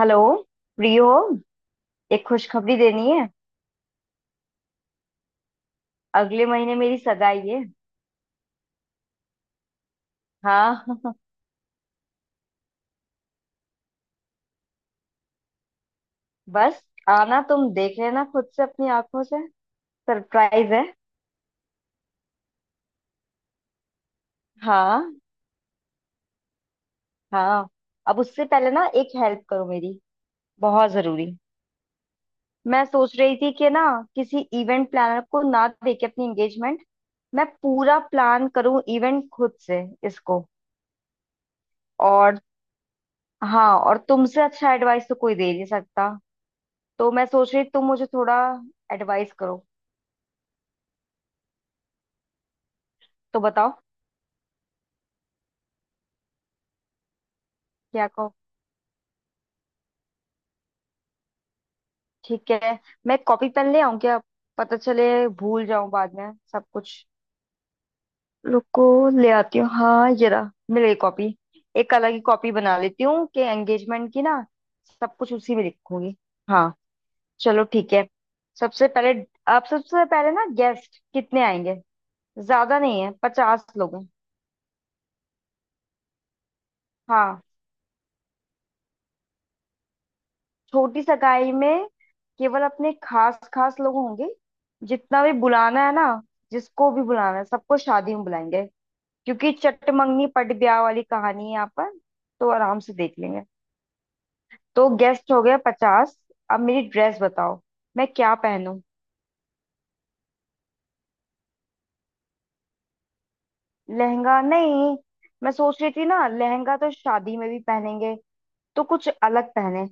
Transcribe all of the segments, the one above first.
Hello. Free हो? एक खुशखबरी देनी है। अगले महीने मेरी सगाई है। हाँ। बस आना तुम, देख लेना खुद से अपनी आंखों से। सरप्राइज है। हाँ। हाँ, अब उससे पहले ना एक हेल्प करो मेरी। बहुत जरूरी। मैं सोच रही थी कि ना किसी इवेंट प्लानर को ना दे के अपनी एंगेजमेंट मैं पूरा प्लान करूं इवेंट खुद से इसको। और हाँ, और तुमसे अच्छा एडवाइस तो कोई दे नहीं सकता। तो मैं सोच रही तुम मुझे थोड़ा एडवाइस करो। तो बताओ क्या कहो। ठीक है। मैं कॉपी पेन ले आऊं क्या? पता चले भूल जाऊं बाद में सब कुछ। रुको, ले आती हूँ। हाँ जरा, मिल गई कॉपी। एक अलग ही कॉपी बना लेती हूँ कि एंगेजमेंट की ना सब कुछ उसी में लिखूंगी। हाँ, चलो ठीक है। सबसे पहले, आप सबसे पहले ना गेस्ट कितने आएंगे? ज्यादा नहीं है, 50 लोग हैं। हाँ, छोटी सगाई में केवल अपने खास खास लोग होंगे। जितना भी बुलाना है ना जिसको भी बुलाना है सबको शादी में बुलाएंगे क्योंकि चटमंगनी पट ब्याह वाली कहानी है यहाँ पर। तो आराम से देख लेंगे। तो गेस्ट हो गए 50। अब मेरी ड्रेस बताओ। मैं क्या पहनूं? लहंगा नहीं, मैं सोच रही थी ना लहंगा तो शादी में भी पहनेंगे। तो कुछ अलग पहने।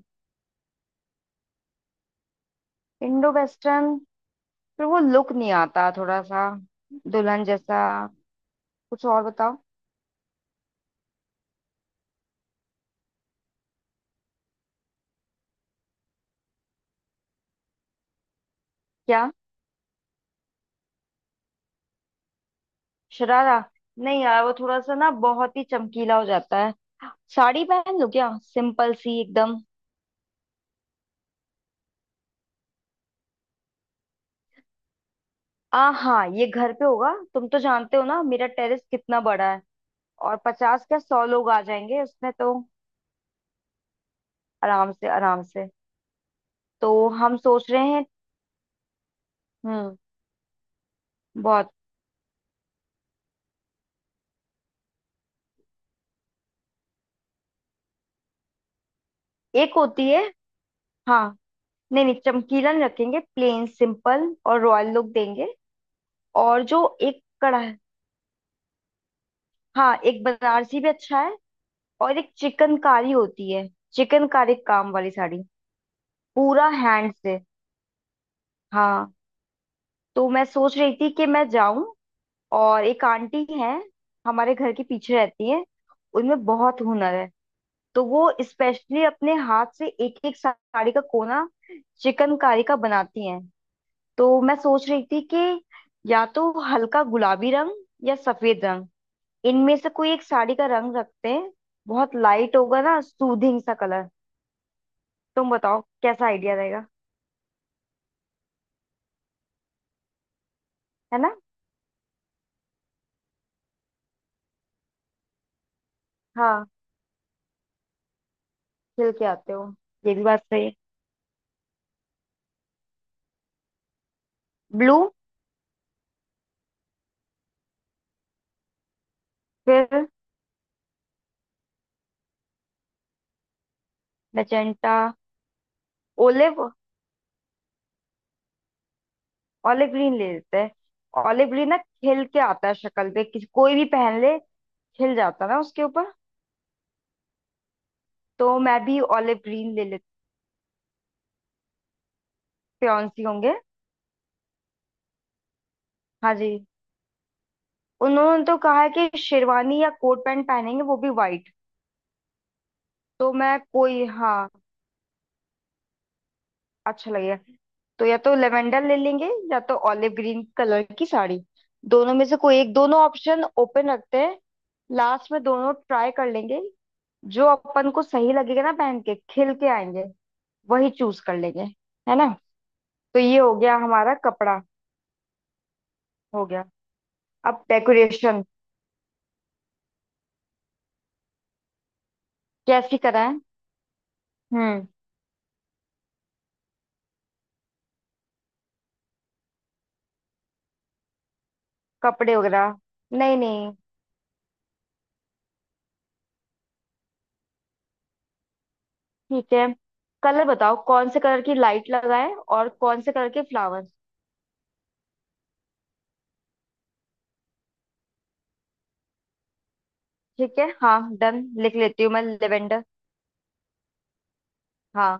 Indo western? फिर वो लुक नहीं आता थोड़ा सा दुल्हन जैसा। कुछ और बताओ। क्या? शरारा? नहीं यार, वो थोड़ा सा ना बहुत ही चमकीला हो जाता है। साड़ी पहन लो क्या, सिंपल सी एकदम? आ हाँ, ये घर पे होगा। तुम तो जानते हो ना मेरा टेरेस कितना बड़ा है। और 50 क्या, 100 लोग आ जाएंगे उसमें तो। आराम से, आराम से। तो हम सोच रहे हैं। हम्म। बहुत। एक होती है। हाँ। नहीं नहीं, चमकीला नहीं रखेंगे। प्लेन सिंपल और रॉयल लुक देंगे। और जो एक कढ़ाई। हाँ, एक बनारसी भी अच्छा है। और एक चिकनकारी होती है। चिकनकारी काम वाली साड़ी, पूरा हैंड से। हाँ, तो मैं सोच रही थी कि मैं जाऊं। और एक आंटी है हमारे घर के पीछे रहती है। उनमें बहुत हुनर है। तो वो स्पेशली अपने हाथ से एक एक साड़ी का कोना चिकनकारी का बनाती हैं। तो मैं सोच रही थी कि या तो हल्का गुलाबी रंग या सफेद रंग, इनमें से कोई एक साड़ी का रंग रखते हैं। बहुत लाइट होगा ना, सूदिंग सा कलर। तुम बताओ कैसा आइडिया रहेगा। है ना? हाँ। हिल के आते हो? ये भी बात सही है। ब्लू? फिर? मैजेंटा? ओलिव? ओलिव ग्रीन ले लेते हैं। ओलिव ग्रीन ना खिल के आता है शक्ल पे, किसी कोई भी पहन ले खिल जाता है ना उसके ऊपर। तो मैं भी ओलिव ग्रीन ले लेती। फियांसी होंगे? हाँ जी, उन्होंने तो कहा है कि शेरवानी या कोट पैंट पहनेंगे वो भी वाइट। तो मैं कोई, हाँ, अच्छा लगेगा। तो या तो लेवेंडर ले लेंगे या तो ऑलिव ग्रीन कलर की साड़ी। दोनों में से कोई एक, दोनों ऑप्शन ओपन रखते हैं। लास्ट में दोनों ट्राई कर लेंगे। जो अपन को सही लगेगा ना, पहन के खिल के आएंगे, वही चूज कर लेंगे। है ना? तो ये हो गया हमारा कपड़ा। हो गया। अब डेकोरेशन कैसी कराएं? हम्म। कपड़े वगैरह नहीं नहीं। ठीक है। कलर बताओ, कौन से कलर की लाइट लगाएं और कौन से कलर के फ्लावर्स? ठीक है, हाँ डन, लिख लेती हूँ मैं लेवेंडर। हाँ।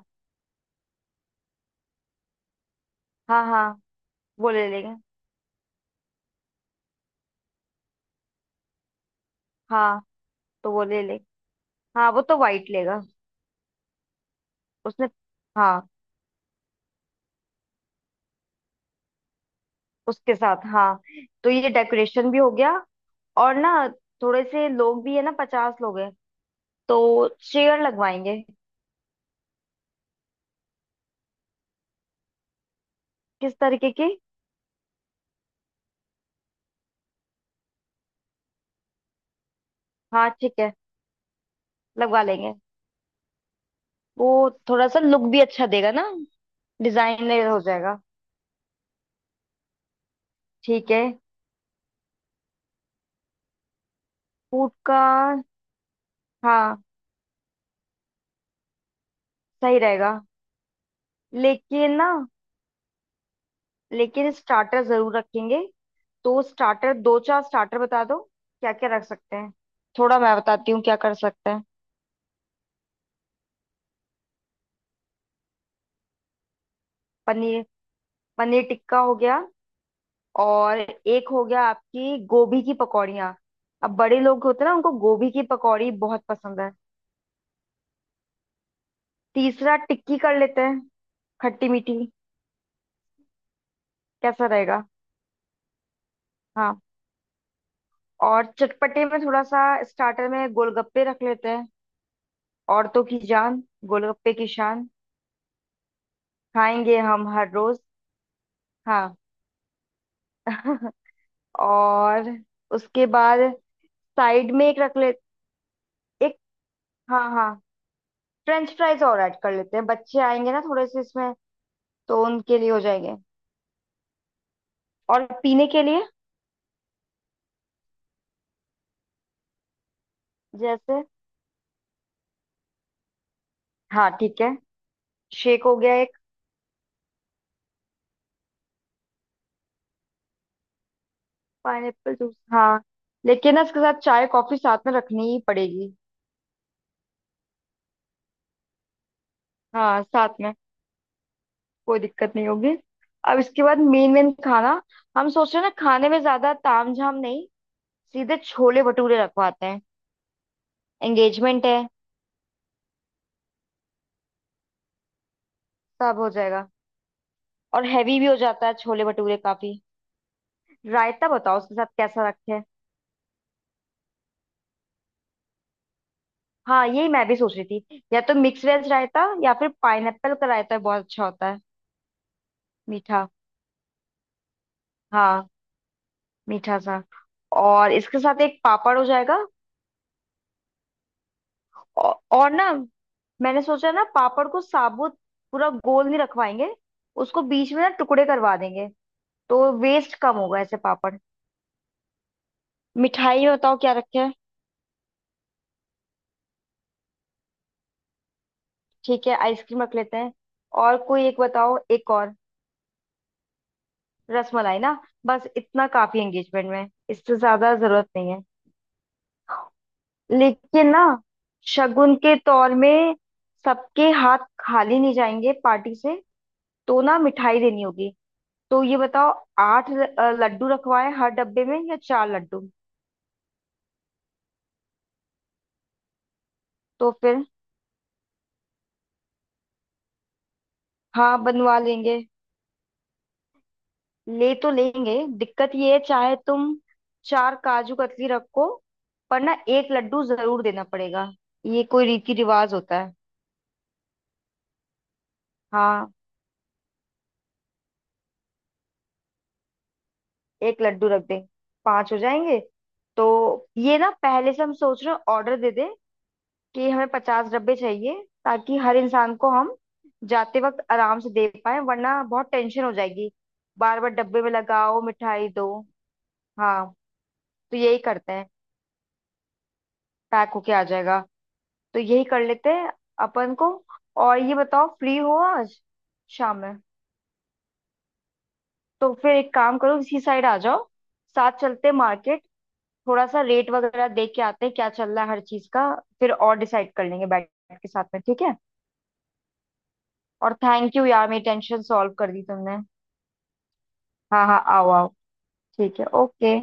हाँ हाँ, वो ले लेगा। हाँ तो वो ले ले। हाँ, वो तो वाइट लेगा। उसने? हाँ, उसके साथ। हाँ, तो ये डेकोरेशन भी हो गया। और ना थोड़े से लोग भी है ना, 50 लोग हैं, तो चेयर लगवाएंगे। किस तरीके की? हाँ ठीक है, लगवा लेंगे। वो थोड़ा सा लुक भी अच्छा देगा ना, डिजाइनर हो जाएगा। ठीक है। फूड का? हाँ सही रहेगा। लेकिन ना, लेकिन स्टार्टर जरूर रखेंगे। तो स्टार्टर, दो चार स्टार्टर बता दो क्या क्या रख सकते हैं। थोड़ा मैं बताती हूँ क्या कर सकते हैं। पनीर, पनीर टिक्का हो गया। और एक हो गया आपकी गोभी की पकौड़ियाँ। अब बड़े लोग होते हैं ना उनको गोभी की पकौड़ी बहुत पसंद है। तीसरा टिक्की कर लेते हैं, खट्टी मीठी। कैसा रहेगा? हाँ, और चटपटे में थोड़ा सा स्टार्टर में गोलगप्पे रख लेते हैं। औरतों की जान, गोलगप्पे की शान। खाएंगे हम हर रोज। हाँ। और उसके बाद साइड में एक रख ले। एक, हाँ हाँ, फ्रेंच फ्राइज और ऐड कर लेते हैं, बच्चे आएंगे ना थोड़े से इसमें, तो उनके लिए हो जाएंगे। और पीने के लिए, जैसे? हाँ ठीक है, शेक हो गया एक। पाइनएप्पल जूस, हाँ। लेकिन ना इसके साथ चाय कॉफी साथ में रखनी ही पड़ेगी। हाँ साथ में कोई दिक्कत नहीं होगी। अब इसके बाद मेन मेन खाना, हम सोच रहे हैं ना खाने में ज्यादा तामझाम नहीं, सीधे छोले भटूरे रखवाते हैं, एंगेजमेंट है। सब हो जाएगा, और हैवी भी हो जाता है छोले भटूरे काफी। रायता बताओ उसके साथ कैसा रखे? हाँ यही मैं भी सोच रही थी, या तो मिक्स वेज रायता या फिर पाइनएप्पल का रायता बहुत अच्छा होता है। मीठा, हाँ, मीठा सा। और इसके साथ एक पापड़ हो जाएगा। और ना मैंने सोचा ना पापड़ को साबुत पूरा गोल नहीं रखवाएंगे, उसको बीच में ना टुकड़े करवा देंगे। तो वेस्ट कम होगा ऐसे पापड़। मिठाई में बताओ क्या रखे? ठीक है, आइसक्रीम रख लेते हैं और कोई एक बताओ, एक और। रसमलाई ना, बस इतना काफी। एंगेजमेंट में इससे ज्यादा जरूरत नहीं है। लेकिन ना शगुन के तौर में सबके हाथ खाली नहीं जाएंगे पार्टी से। तो ना मिठाई देनी होगी। तो ये बताओ, आठ लड्डू रखवाएं हर डब्बे में या चार लड्डू? तो फिर, हाँ, बनवा लेंगे। ले तो लेंगे, दिक्कत ये है, चाहे तुम चार काजू कतली रखो पर ना एक लड्डू जरूर देना पड़ेगा। ये कोई रीति रिवाज होता है। हाँ, एक लड्डू रख दे, पांच हो जाएंगे। तो ये ना पहले से हम सोच रहे हैं ऑर्डर दे दे, कि हमें 50 डब्बे चाहिए ताकि हर इंसान को हम जाते वक्त आराम से दे पाए, वरना बहुत टेंशन हो जाएगी। बार बार डब्बे में लगाओ मिठाई दो। हाँ तो यही करते हैं। पैक होके आ जाएगा, तो यही कर लेते हैं अपन को। और ये बताओ, फ्री हो आज शाम में? तो फिर एक काम करो, इसी साइड आ जाओ। साथ चलते मार्केट, थोड़ा सा रेट वगैरह देख के आते हैं क्या चल रहा है हर चीज का। फिर और डिसाइड कर लेंगे बैठ के साथ में। ठीक है? और थैंक यू यार, मेरी टेंशन सॉल्व कर दी तुमने। हाँ हाँ, आओ आओ। ठीक है, ओके।